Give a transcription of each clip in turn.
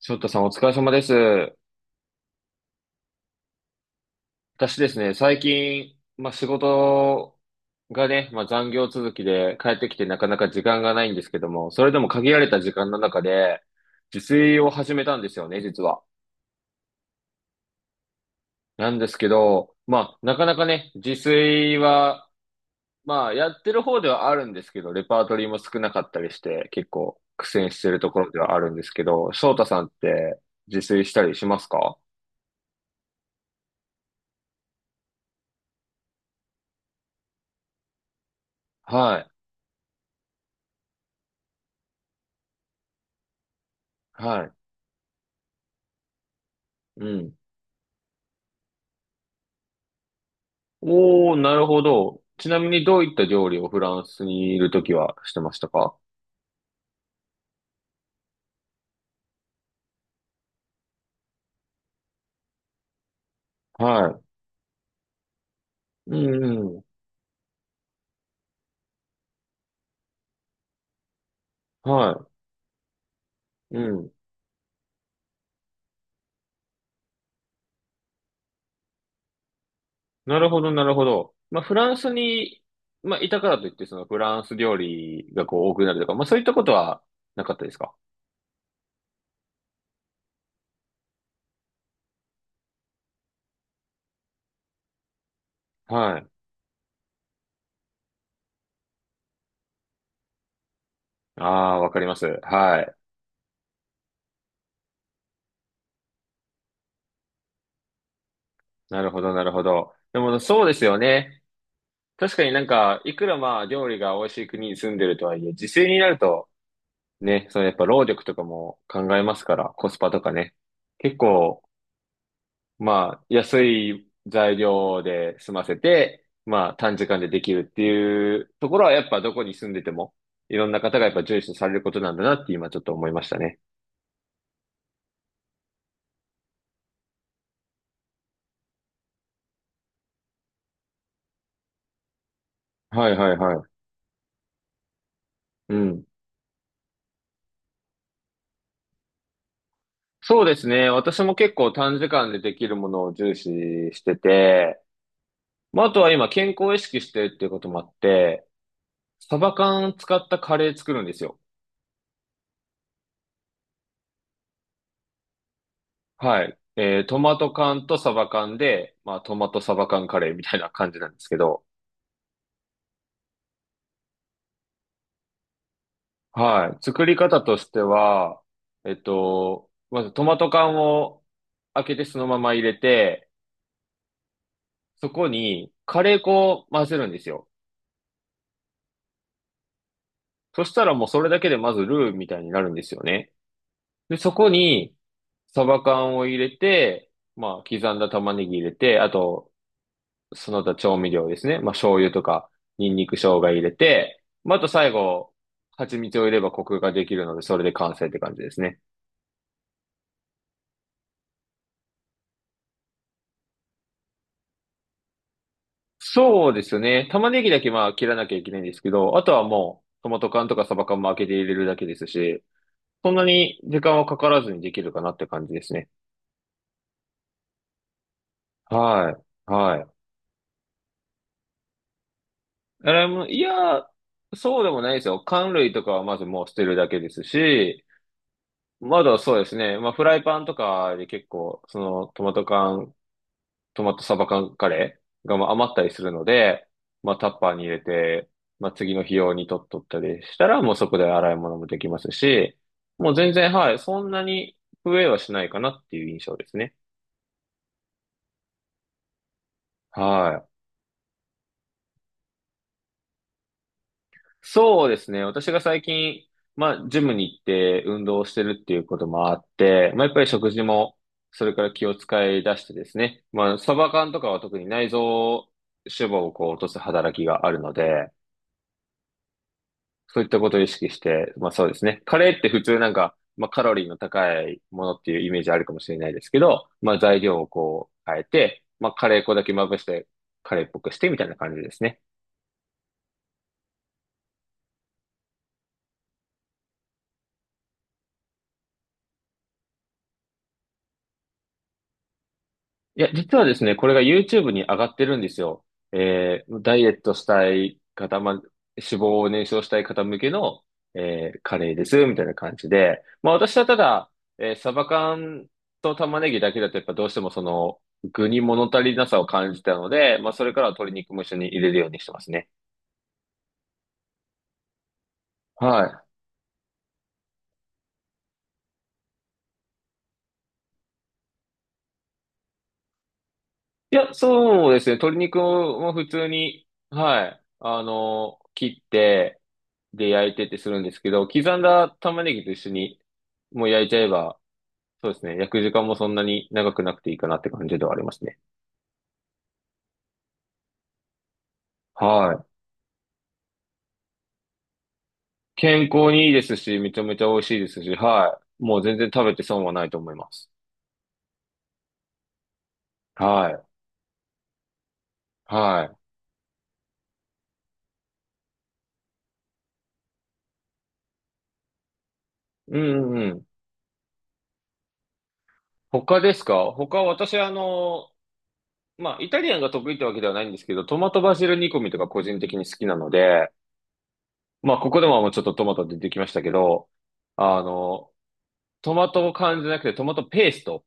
翔太さんお疲れ様です。私ですね、最近、まあ、仕事がね、まあ、残業続きで帰ってきてなかなか時間がないんですけども、それでも限られた時間の中で、自炊を始めたんですよね、実は。なんですけど、まあ、なかなかね、自炊は、まあ、やってる方ではあるんですけど、レパートリーも少なかったりして、結構苦戦してるところではあるんですけど、翔太さんって自炊したりしますか？はい、はい、うん。おー、なるほど。ちなみにどういった料理をフランスにいるときはしてましたか？はい。うんうん。はい。うん。なるほど、なるほど。まあ、フランスに、まあ、いたからといって、そのフランス料理がこう多くなるとか、まあ、そういったことはなかったですか？はい。ああ、わかります。はい。なるほど、なるほど。でも、そうですよね。確かになんか、いくらまあ、料理が美味しい国に住んでるとはいえ、自炊になると、ね、そのやっぱ労力とかも考えますから、コスパとかね。結構、まあ、安い材料で済ませて、まあ、短時間でできるっていうところは、やっぱどこに住んでても、いろんな方がやっぱ重視されることなんだなって今ちょっと思いましたね。はいはいはい。うん。そうですね。私も結構短時間でできるものを重視してて、まあ、あとは今健康を意識してるっていうこともあって、サバ缶使ったカレー作るんですよ。はい。トマト缶とサバ缶で、まあ、トマトサバ缶カレーみたいな感じなんですけど、はい。作り方としては、まずトマト缶を開けてそのまま入れて、そこにカレー粉を混ぜるんですよ。そしたらもうそれだけでまずルーみたいになるんですよね。で、そこにサバ缶を入れて、まあ、刻んだ玉ねぎ入れて、あと、その他調味料ですね。まあ、醤油とか、ニンニク生姜入れて、まあ、あと最後、蜂蜜を入れればコクができるので、それで完成って感じですね。そうですね。玉ねぎだけまあ切らなきゃいけないんですけど、あとはもう、トマト缶とかサバ缶も開けて入れるだけですし、そんなに時間はかからずにできるかなって感じですね。はい。はい。あれも、いや、そうでもないですよ。缶類とかはまずもう捨てるだけですし、まだそうですね。まあ、フライパンとかで結構、そのトマトサバ缶カレーがまあ余ったりするので、まあタッパーに入れて、まあ次の日用に取っとったりしたら、もうそこで洗い物もできますし、もう全然、はい、そんなに増えはしないかなっていう印象ですね。はい。そうですね。私が最近、まあ、ジムに行って運動をしてるっていうこともあって、まあ、やっぱり食事も、それから気を使い出してですね。まあ、サバ缶とかは特に内臓脂肪をこう落とす働きがあるので、そういったことを意識して、まあそうですね。カレーって普通なんか、まあカロリーの高いものっていうイメージあるかもしれないですけど、まあ材料をこう変えて、まあカレー粉だけまぶして、カレーっぽくしてみたいな感じですね。いや、実はですね、これが YouTube に上がってるんですよ。ダイエットしたい方、まあ、脂肪を燃焼したい方向けの、カレーです、みたいな感じで。まあ、私はただ、サバ缶と玉ねぎだけだと、やっぱどうしてもその、具に物足りなさを感じたので、まあ、それからは鶏肉も一緒に入れるようにしてますね。はい。いや、そうですね。鶏肉も普通に、はい。切って、で、焼いてってするんですけど、刻んだ玉ねぎと一緒に、もう焼いちゃえば、そうですね。焼く時間もそんなに長くなくていいかなって感じではありますね。はい。健康にいいですし、めちゃめちゃ美味しいですし、はい。もう全然食べて損はないと思います。はい。はい。うんうんうん。他ですか？他私あの、まあ、イタリアンが得意ってわけではないんですけど、トマトバジル煮込みとか個人的に好きなので、まあ、ここでももうちょっとトマト出てきましたけど、あの、トマト缶じゃなくてトマトペースト。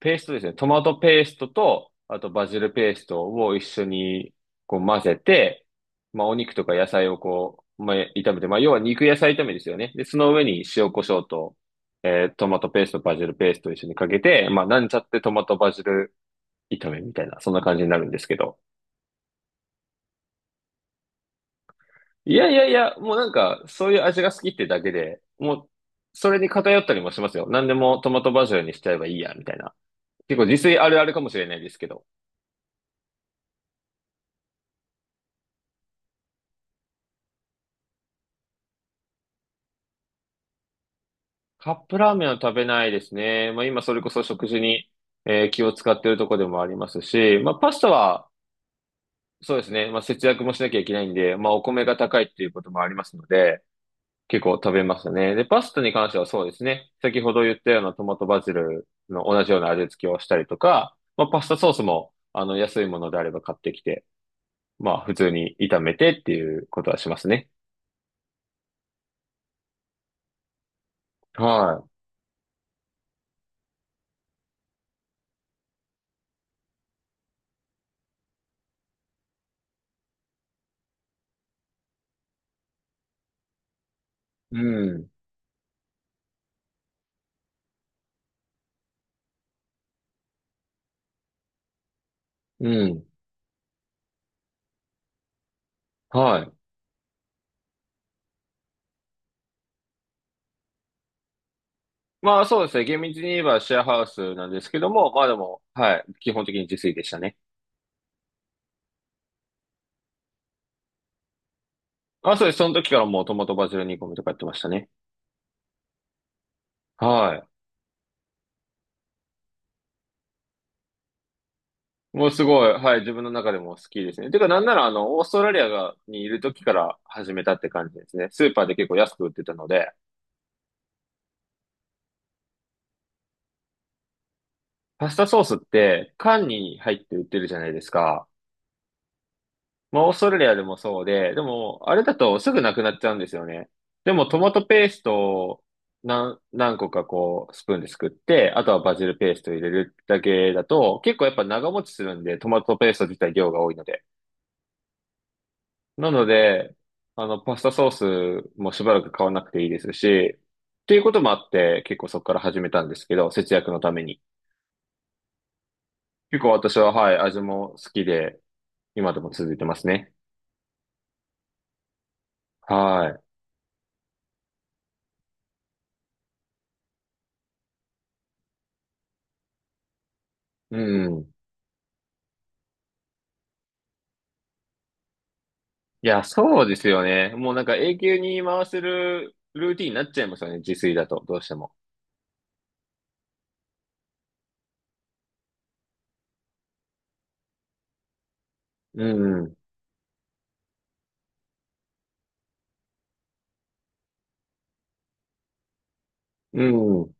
ペーストですね。トマトペーストと、あとバジルペーストを一緒にこう混ぜて、まあ、お肉とか野菜をこう、まあ、炒めて、まあ、要は肉野菜炒めですよね。で、その上に塩コショウと、トマトペースト、バジルペーストを一緒にかけて、まあ、なんちゃってトマトバジル炒めみたいな、そんな感じになるんですけど。いやいやいや、もうなんか、そういう味が好きってだけで、もう、それに偏ったりもしますよ。何でもトマトバジルにしちゃえばいいや、みたいな。結構自炊あるあるかもしれないですけど。カップラーメンは食べないですね。まあ今それこそ食事に、気を使ってるとこでもありますし、まあパスタは、そうですね。まあ節約もしなきゃいけないんで、まあお米が高いっていうこともありますので、結構食べますね。で、パスタに関してはそうですね。先ほど言ったようなトマトバジルの同じような味付けをしたりとか、まあ、パスタソースも、あの、安いものであれば買ってきて、まあ、普通に炒めてっていうことはしますね。はい。うん。うん。はい。まあ、そうですね。厳密に言えばシェアハウスなんですけども、まあでも、はい。基本的に自炊でしたね。あ、そうです。その時からもうトマトバジル煮込みとかやってましたね。はい。もうすごい、はい、自分の中でも好きですね。てか、なんなら、あの、オーストラリアにいる時から始めたって感じですね。スーパーで結構安く売ってたので、パスタソースって、缶に入って売ってるじゃないですか。まあ、オーストラリアでもそうで、でも、あれだとすぐなくなっちゃうんですよね。でも、トマトペーストを何個かこう、スプーンですくって、あとはバジルペースト入れるだけだと、結構やっぱ長持ちするんで、トマトペースト自体量が多いので。なので、あの、パスタソースもしばらく買わなくていいですし、っていうこともあって、結構そこから始めたんですけど、節約のために。結構私は、はい、味も好きで、今でも続いてますね。はい。うん。いや、そうですよね。もうなんか永久に回せるルーティンになっちゃいますよね、自炊だと、どうしても。うん。うん。